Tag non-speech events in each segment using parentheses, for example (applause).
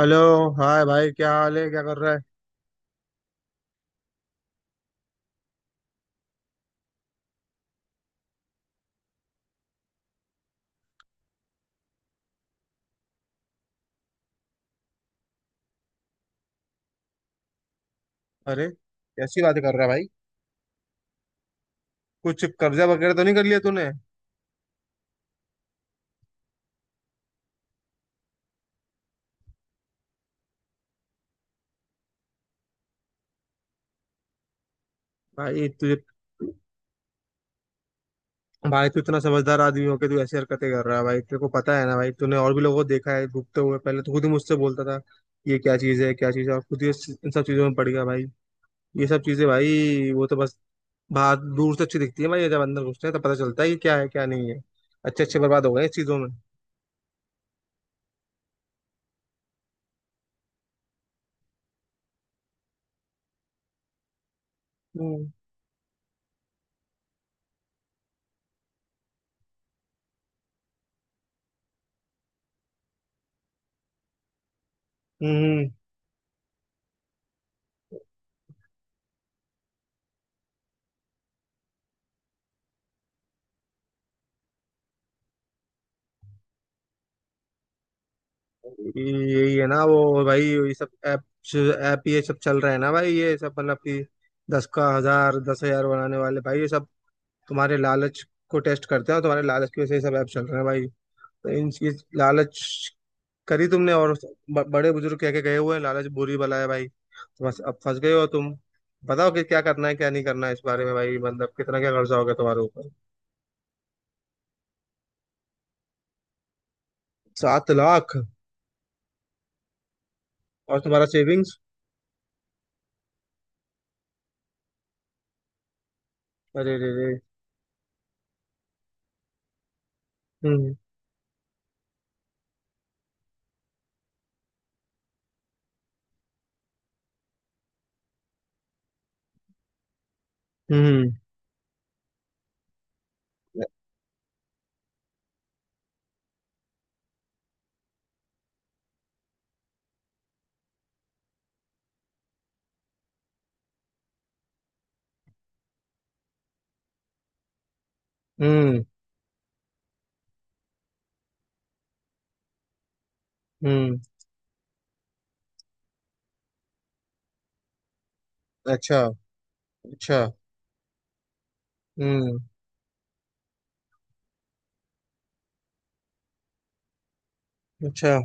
Hello. Hi भाई, क्या हाल है? क्या कर रहा है? अरे कैसी बातें कर रहा है भाई? कुछ कर्जा वगैरह तो नहीं कर लिया तूने? भाई तुझे... भाई तू इतना समझदार आदमी हो के तू ऐसी हरकतें कर रहा है भाई। तेरे को पता है ना भाई, तूने और भी लोगों को देखा है डूबते हुए, पहले तो खुद ही मुझसे बोलता था ये क्या चीज़ है, क्या चीज़ है। और खुद ही इन सब चीज़ों में पड़ गया भाई। ये सब चीज़ें भाई, वो तो बस बाहर दूर से अच्छी दिखती है भाई। ये जब अंदर घुसते हैं तो पता चलता है कि क्या है क्या नहीं है। अच्छे अच्छे बर्बाद हो गए इस चीज़ों में। हम्म। हम्म। यही है ना वो भाई, ये सब ऐप। ऐप, ये सब चल रहा है ना भाई, ये सब मतलब कि दस का हजार, 10 हजार बनाने वाले भाई, ये सब तुम्हारे लालच को टेस्ट करते हैं, और तुम्हारे लालच की वजह से ये सब ऐप चल रहे हैं भाई। तो इन, ये लालच करी तुमने। और बड़े बुजुर्ग कह के गए हुए हैं, लालच बुरी बला है भाई। तो बस अब फंस गए हो तुम। बताओ कि क्या करना है क्या नहीं करना है इस बारे में भाई, मतलब कितना क्या कर्जा हो गया तुम्हारे ऊपर? 7 लाख? और तुम्हारा सेविंग्स? अरे रे रे। हम्म। हम्म। हम्म। हम्म। अच्छा। अच्छा। हम्म। अच्छा।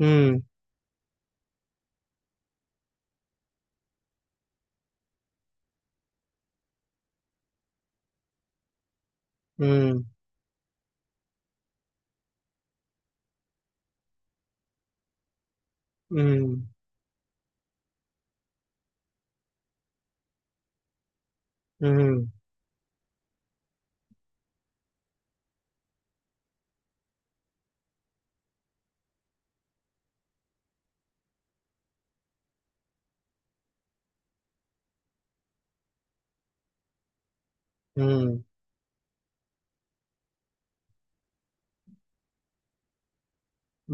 हम्म। हम्म। हम्म। हम्म। हम्म।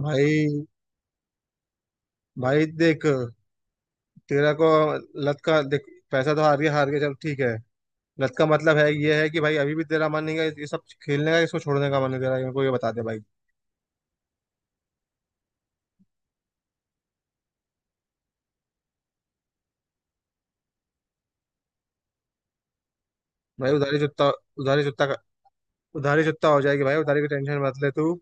भाई, भाई देख, तेरा को लत का देख, पैसा तो हार गया हार गया, चल ठीक है। लत का मतलब है ये है कि भाई अभी भी तेरा मन नहीं है ये सब खेलने का, इसको छोड़ने का मन नहीं तेरा? मेरे को ये बता दे भाई। भाई उधारी चुत्ता, उधारी चुत्ता, उधारी चुकता हो जाएगी भाई, उधारी की टेंशन मत ले तू।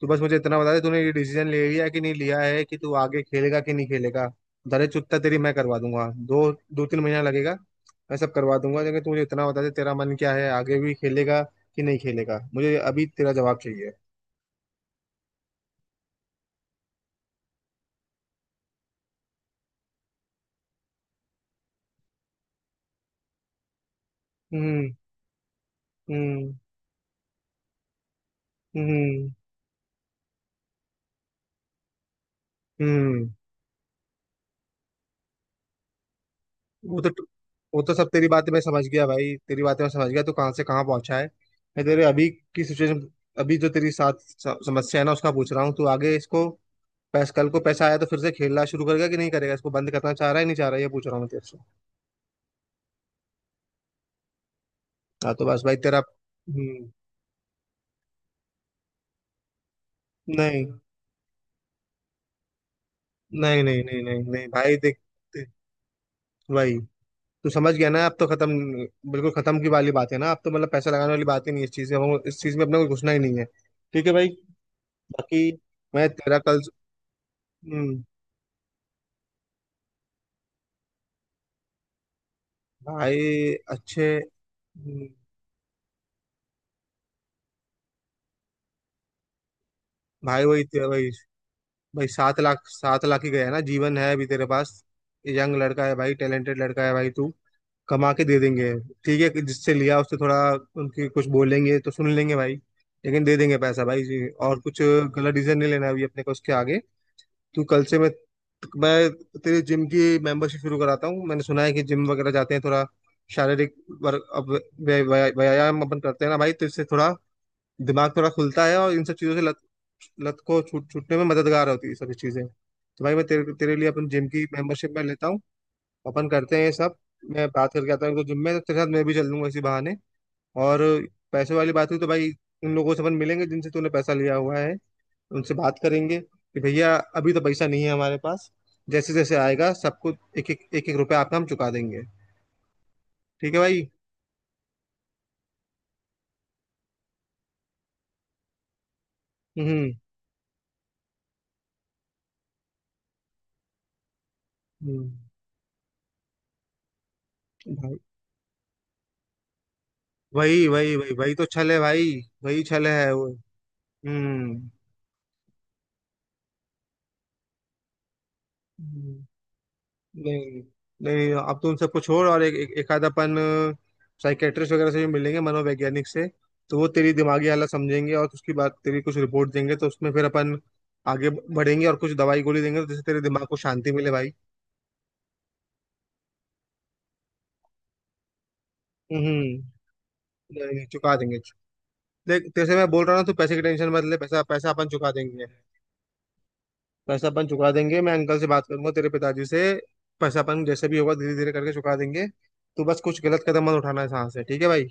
तू बस मुझे इतना बता दे, तूने ये डिसीजन ले लिया है कि नहीं लिया है, कि तू आगे खेलेगा कि नहीं खेलेगा? उधारी चुकता तेरी मैं करवा दूंगा, दो दो तीन महीना लगेगा, मैं सब करवा दूंगा। लेकिन तू मुझे इतना बता दे तेरा मन क्या है, आगे भी खेलेगा कि नहीं खेलेगा, मुझे अभी तेरा जवाब चाहिए। हम्म। हम्म। हम्म। हम्म। वो तो वो तो सब तेरी बातें मैं समझ गया भाई, तेरी बातें मैं समझ गया, तू कहाँ से कहाँ पहुंचा है। मैं तेरे अभी की सिचुएशन, अभी जो तेरी साथ समस्या है ना उसका पूछ रहा हूँ। तू आगे इसको, बस कल को पैसा आया तो फिर से खेलना शुरू करेगा कि नहीं करेगा, इसको बंद करना चाह रहा है नहीं चाह रहा है, ये पूछ रहा हूँ मैं तेरे से। हाँ तो बस भाई तेरा, नहीं नहीं नहीं नहीं नहीं नहीं भाई देख, देख, भाई तू समझ गया ना? अब तो खत्म, बिल्कुल खत्म की वाली बात है ना अब तो, मतलब पैसा लगाने वाली बात ही नहीं है इस चीज में, हम इस चीज में अपने को घुसना ही नहीं है। ठीक है भाई? बाकी मैं तेरा कल, हम्म, भाई अच्छे, हम्म, भाई वही तेरा भाई। भाई 7 लाख, 7 लाख ही गया ना, जीवन है अभी तेरे पास। यंग लड़का है भाई, टैलेंटेड लड़का है भाई, तू कमा के दे देंगे। ठीक है कि जिससे लिया उससे थोड़ा, उनकी कुछ बोलेंगे तो सुन लेंगे भाई। लेकिन दे देंगे पैसा भाई जी। और कुछ गलत डिसीजन नहीं लेना है अभी अपने को उसके आगे। तू कल से, मैं तेरी जिम की मेंबरशिप शुरू कराता हूँ। मैंने सुना है कि जिम वगैरह जाते हैं थोड़ा, शारीरिक वर्क, अब व्या- व्या- व्यायाम अपन करते हैं ना भाई, तो इससे थोड़ा दिमाग थोड़ा खुलता है, और इन सब चीज़ों से लत, लत को छूटने में मददगार होती है ये सभी चीज़ें। तो भाई मैं तेरे तेरे लिए अपन जिम की मेंबरशिप में लेता हूँ, अपन करते हैं ये सब। मैं बात करके आता हूँ एक दो जिम में, तो तेरे साथ मैं भी चल लूंगा इसी बहाने। और पैसे वाली बात हुई तो भाई, उन लोगों से अपन मिलेंगे जिनसे तूने पैसा लिया हुआ है, उनसे बात करेंगे कि भैया अभी तो पैसा नहीं है हमारे पास, जैसे जैसे आएगा सबको एक एक एक एक रुपया आपका हम चुका देंगे। ठीक है भाई? हम्म। हम्म, भाई वही वही वही वही तो छल है भाई, वही छल है वो। हम्म। हम्म। नहीं नहीं, आप तो उनसे कुछ और एक आध अपन साइकेट्रिस्ट वगैरह से भी मिलेंगे, मनोवैज्ञानिक से। तो वो तेरी दिमागी हालत समझेंगे, और उसकी बात, तेरी कुछ रिपोर्ट देंगे तो उसमें फिर अपन आगे बढ़ेंगे, और कुछ दवाई गोली देंगे तो जिससे तेरे दिमाग को शांति मिले भाई। हम्म। नहीं नहीं, चुका देंगे। देख, तेरे से मैं बोल रहा हूँ, तू पैसे की टेंशन मत ले, पैसा पैसा अपन चुका देंगे। पैसा अपन चुका देंगे, मैं अंकल से बात करूंगा तेरे पिताजी से। पैसा अपन जैसे भी होगा धीरे धीरे करके चुका देंगे। तू बस कुछ गलत कदम मत उठाना है यहाँ से, ठीक है भाई?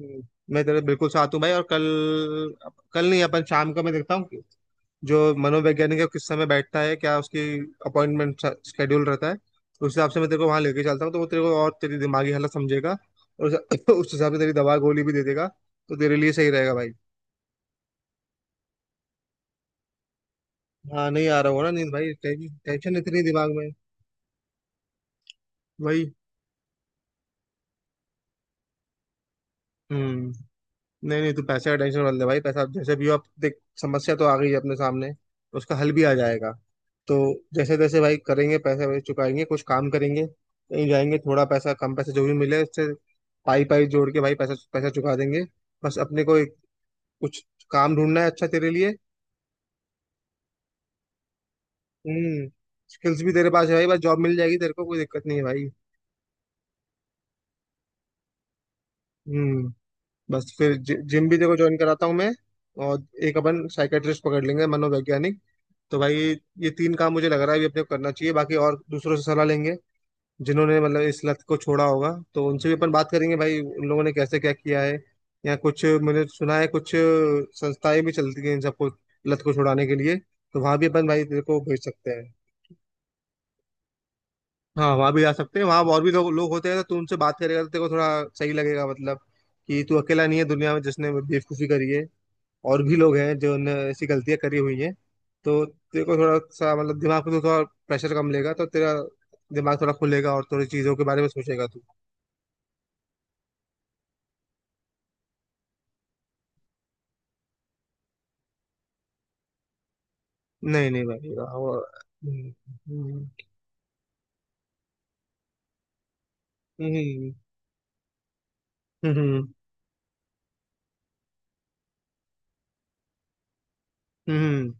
हम्म, मैं तेरे बिल्कुल साथ हूँ भाई। और कल, कल नहीं, अपन शाम को मैं देखता हूँ कि जो मनोवैज्ञानिक है किस समय बैठता है, क्या उसकी अपॉइंटमेंट शेड्यूल रहता है। उस हिसाब से मैं तेरे को वहां लेके चलता हूँ, तो वो तेरे को और तेरी दिमागी हालत समझेगा। और उस (laughs) उस हिसाब से तेरी दवा गोली भी दे देगा, तो तेरे लिए सही रहेगा भाई। हाँ, नहीं आ रहा होगा ना नींद भाई, टेंशन इतनी दिमाग में। वही। हम्म। नहीं नहीं, तू पैसे का टेंशन मत ले भाई, पैसा जैसे भी हो, आप देख, समस्या तो आ गई है अपने सामने, उसका हल भी आ जाएगा। तो जैसे तैसे भाई करेंगे, पैसे वैसे चुकाएंगे, कुछ काम करेंगे कहीं जाएंगे, थोड़ा पैसा, कम पैसे जो भी मिले उससे पाई पाई जोड़ के भाई पैसा पैसा चुका देंगे। बस अपने को एक, कुछ काम ढूंढना है अच्छा तेरे लिए। हम्म। स्किल्स भी तेरे पास है भाई, बस जॉब मिल जाएगी तेरे को, कोई दिक्कत नहीं है भाई। हम्म। बस फिर जिम भी देखो ज्वाइन कराता हूँ मैं, और एक अपन साइकेट्रिस्ट पकड़ लेंगे, मनोवैज्ञानिक। तो भाई ये तीन काम मुझे लग रहा है अभी अपने को करना चाहिए। बाकी और दूसरों से सलाह लेंगे, जिन्होंने मतलब इस लत को छोड़ा होगा तो उनसे भी अपन बात करेंगे भाई, उन लोगों ने कैसे क्या किया है। या कुछ मैंने सुना है, कुछ संस्थाएं भी चलती हैं इन सबको, लत को छुड़ाने के लिए, तो वहां भी अपन भाई तेरे को भेज सकते हैं। हाँ वहां भी जा सकते हैं, वहां और भी लोग लोग होते हैं, तो तू उनसे बात करेगा तो तेरे को थोड़ा सही लगेगा, मतलब कि तू अकेला नहीं है दुनिया में जिसने बेवकूफी करी है। और भी लोग हैं जो ने ऐसी गलतियां करी हुई हैं। तो तेरे को थोड़ा सा मतलब दिमाग पे तो थोड़ा प्रेशर कम लेगा, तो तेरा दिमाग थोड़ा खुलेगा और थोड़ी चीजों के बारे में सोचेगा तू। नहीं नहीं भाई हम्म। हम्म। हम्म। हम्म। हम्म। हम्म। हम्म।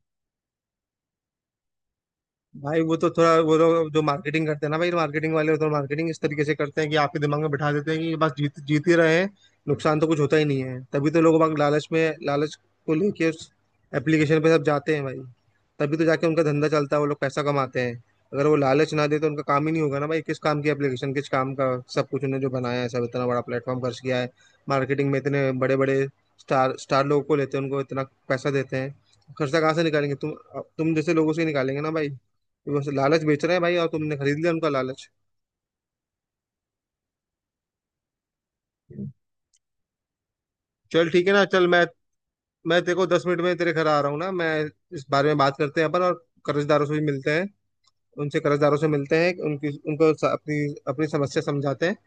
भाई वो तो थोड़ा, वो लोग जो मार्केटिंग करते हैं ना भाई, मार्केटिंग वाले तो मार्केटिंग इस तरीके से करते हैं कि आपके दिमाग में बिठा देते हैं कि बस जीत जीत ही रहे हैं, नुकसान तो कुछ होता ही नहीं है। तभी तो लोग बाग लालच में, लालच को लेके उस एप्लीकेशन पे सब जाते हैं भाई। तभी तो जाके उनका धंधा चलता है, वो लोग पैसा कमाते हैं। अगर वो लालच ना दे तो उनका काम ही नहीं होगा ना भाई, किस काम की एप्लीकेशन, किस काम का सब कुछ उन्होंने जो बनाया है, सब इतना बड़ा प्लेटफॉर्म खर्च किया है मार्केटिंग में, इतने बड़े बड़े स्टार स्टार लोगों को लेते हैं, उनको इतना पैसा देते हैं, खर्चा कहाँ से निकालेंगे? तुम जैसे लोगों से ही निकालेंगे ना भाई। बस लालच बेच रहे हैं भाई, और तुमने खरीद लिया उनका लालच। चल ठीक है ना, चल, मैं तेरे को 10 मिनट में तेरे घर आ रहा हूँ ना मैं, इस बारे में बात करते हैं अपन, और कर्जदारों से भी मिलते हैं। उनसे, कर्जदारों से मिलते हैं, उनकी उनको अपनी अपनी समस्या समझाते हैं,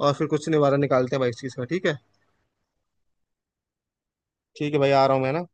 और फिर कुछ निवारण निकालते हैं भाई इस चीज़ का, ठीक है? ठीक है भाई, आ रहा हूँ मैं ना।